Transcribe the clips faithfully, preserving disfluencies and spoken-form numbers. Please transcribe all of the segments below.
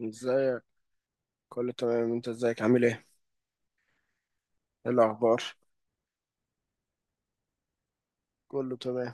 ازيك. كله تمام، انت ازيك؟ عامل ايه؟ ايه الاخبار؟ كله تمام.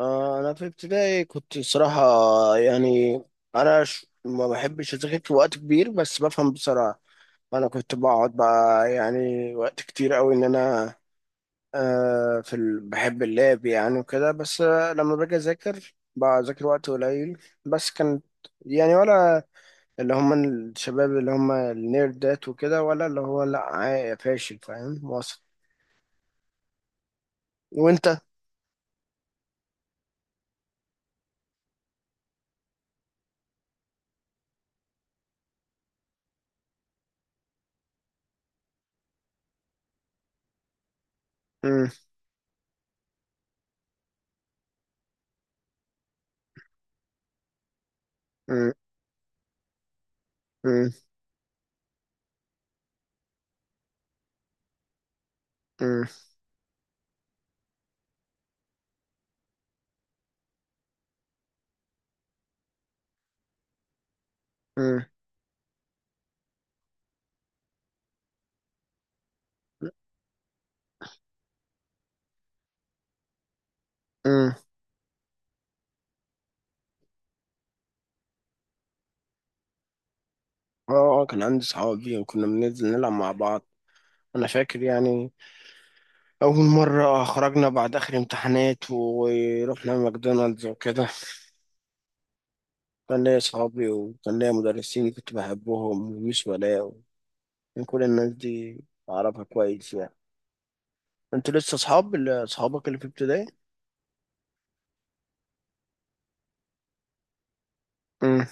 آه، انا في ابتدائي كنت صراحة، يعني انا ش... ما بحبش اذاكر في وقت كبير، بس بفهم بسرعة. انا كنت بقعد بقى يعني وقت كتير قوي ان انا آه في ال... بحب اللعب يعني وكده، بس آه لما باجي اذاكر بذاكر وقت قليل، بس كانت يعني، ولا اللي هم الشباب اللي هم النيردات وكده، ولا اللي هو لا عا- فاشل؟ فاهم واصل؟ وانت؟ مم. مم. مم. مم. مم. مم. اه. آه، كان عندي صحاب فيهم كنا بننزل نلعب مع بعض. انا فاكر يعني اول مره خرجنا بعد اخر امتحانات ورحنا ماكدونالدز وكده. كان ليا صحابي وكان ليا مدرسين كنت بحبهم وميس ولاء، وكان كل الناس دي اعرفها كويس يعني. انتوا لسه صحاب اللي- صحابك اللي في ابتدائي؟ مم.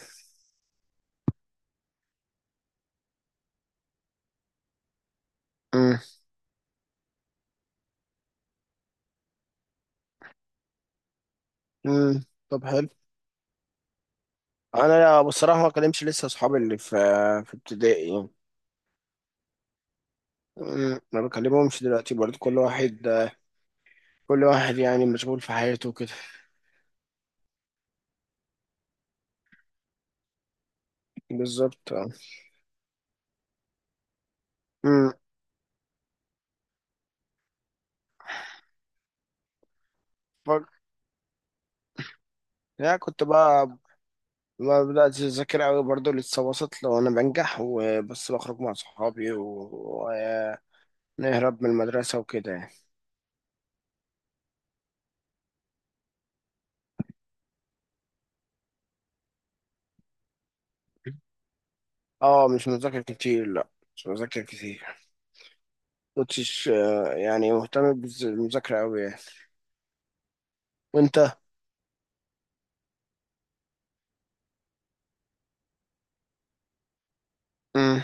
مم. مم. طب حلو. انا بصراحه ما كلمتش لسه اصحابي اللي في في ابتدائي يعني. أمم، ما بكلمهمش دلوقتي برضه، كل واحد، كل واحد يعني مشغول في حياته كده. بالظبط اه. أمم. فك- يعني كنت بقى، ما بدأت أذاكر أوي برضه، لسه وسط، لو أنا بنجح وبس، بخرج مع صحابي ونهرب من المدرسة وكده يعني. اه مش مذاكر كتير، لا، مش مذاكر كتير. مكنتش آه، يعني مهتم بالز- بالمذاكرة أوي يعني. وأنت؟ أمم.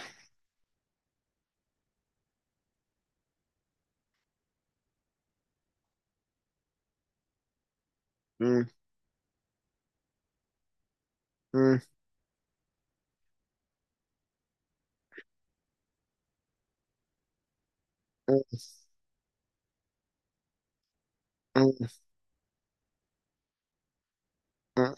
أمم. أمم. أمم. أمم.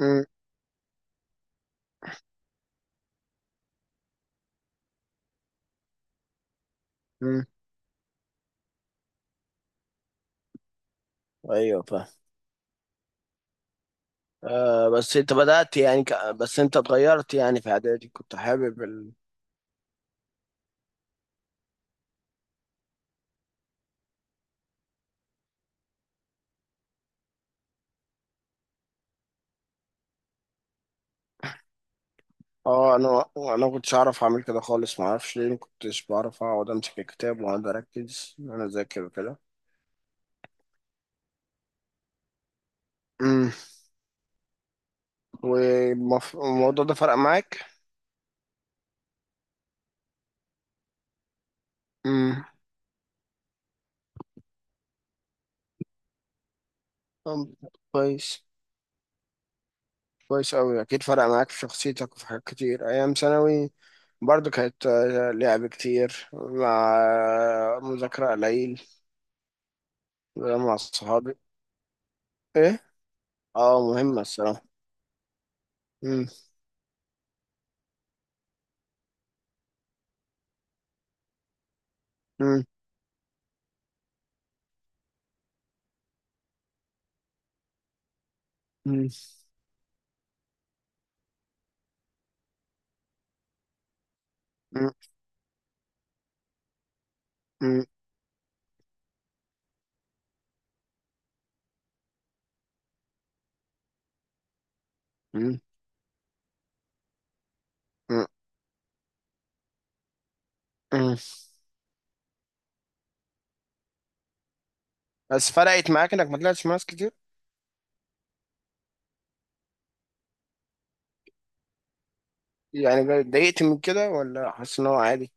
أمم. أمم. أيوه. آه، بس انت بدأت يعني ك... بس انت اتغيرت يعني، في اعدادي كنت حابب ال... اه انا انا ما كنتش اعرف اعمل كده خالص، ما اعرفش ليه ما كنتش بعرف اقعد امسك الكتاب واقعد اركز ان انا اذاكر وكده. امم. والموضوع ده فرق معاك؟ امم. طب كويس. كويس قوي، اكيد فرق معاك في شخصيتك وفي حاجات كتير. ايام ثانوي برضو كانت آه، لعب كتير، مع مذاكرة قليل، مع صحابي. ايه. اه مهمة الصراحة. مم. مم. مم. مم. مم. مم. مم. مم. بس فرقت معاك انك ما طلعتش مع ناس كتير؟ يعني اتضايقت من كده ولا حاسس ان هو عادي؟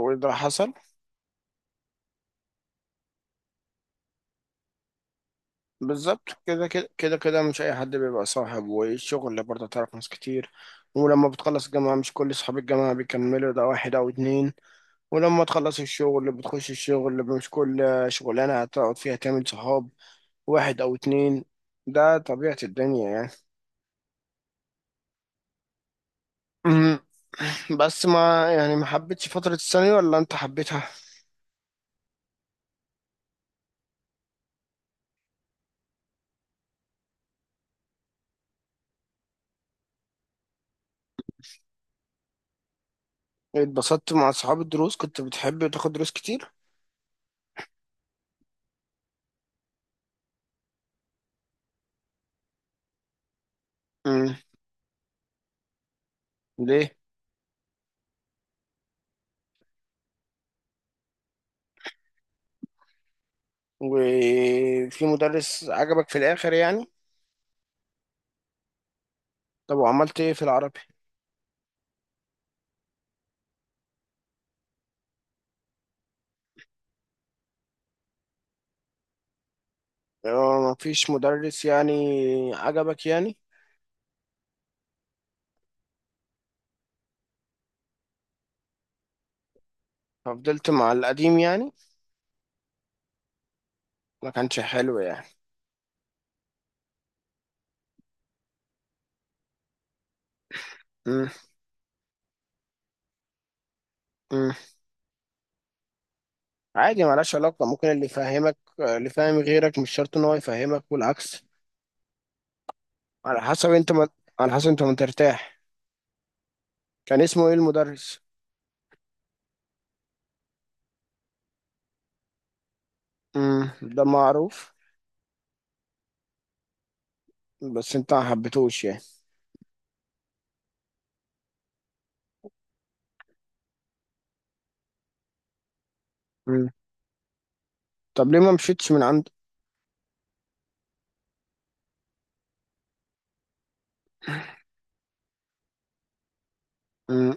هو ده حصل. بالظبط، كده كده كده كده، مش اي حد بيبقى صاحب، والشغل برضه تعرف ناس كتير، ولما بتخلص الجامعة مش كل صحاب الجامعة بيكملوا، ده واحد أو اتنين. ولما تخلص الشغل بتخش الشغل، مش كل شغلانة هتقعد فيها تعمل صحاب، واحد أو اتنين، ده طبيعة الدنيا يعني. مم. بس ما يعني، ما حبيتش فترة الثانوي ولا انت حبيتها؟ اتبسطت مع اصحاب الدروس؟ كنت بتحب تاخد دروس كتير؟ مم. ليه؟ وفي مدرس عجبك في الاخر يعني؟ طب وعملت ايه في العربي؟ اه، ما فيش مدرس يعني عجبك يعني؟ ففضلت مع القديم يعني؟ ما كانش حلو يعني؟ مم. مم. عادي، ملهاش علاقة، ممكن اللي يفهمك اللي فاهم غيرك، مش شرط ان هو يفهمك والعكس. على حسب انت ما على حسب انت ما ترتاح. كان اسمه ايه المدرس؟ امم. ده معروف. بس انت ما حبيتهوش يعني؟ امم. طب ليه ما مشيتش من عند؟ امم.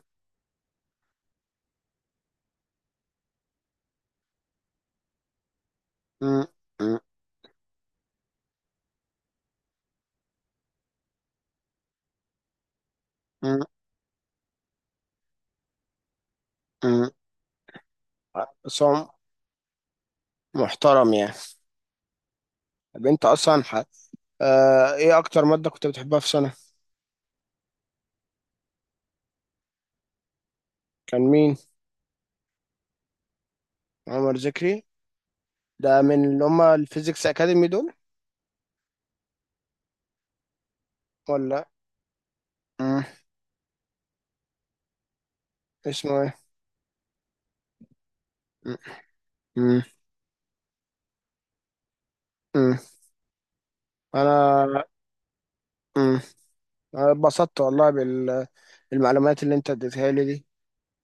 امم. امم. امم. امم. بس هو محترم يعني؟ طب انت اصلا ح... آه... ايه اكتر مادة كنت بتحبها في سنة؟ كان مين؟ عمر ذكري؟ ده من اللي هم الفيزيكس اكاديمي دول؟ ولا؟ امم. اسمه ايه؟ امم. امم. امم. انا، امم، انا اتبسطت والله بال... بالمعلومات اللي انت اديتها لي دي،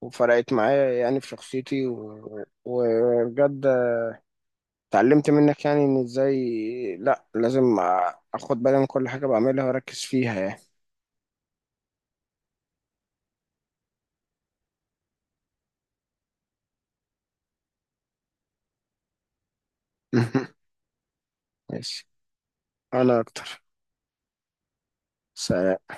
وفرقت معايا يعني في شخصيتي و... وبجد اتعلمت منك يعني ان ازاي لا، لازم اخد بالي من كل حاجة بعملها واركز فيها يعني. ماشي. انا اكتر. سلام.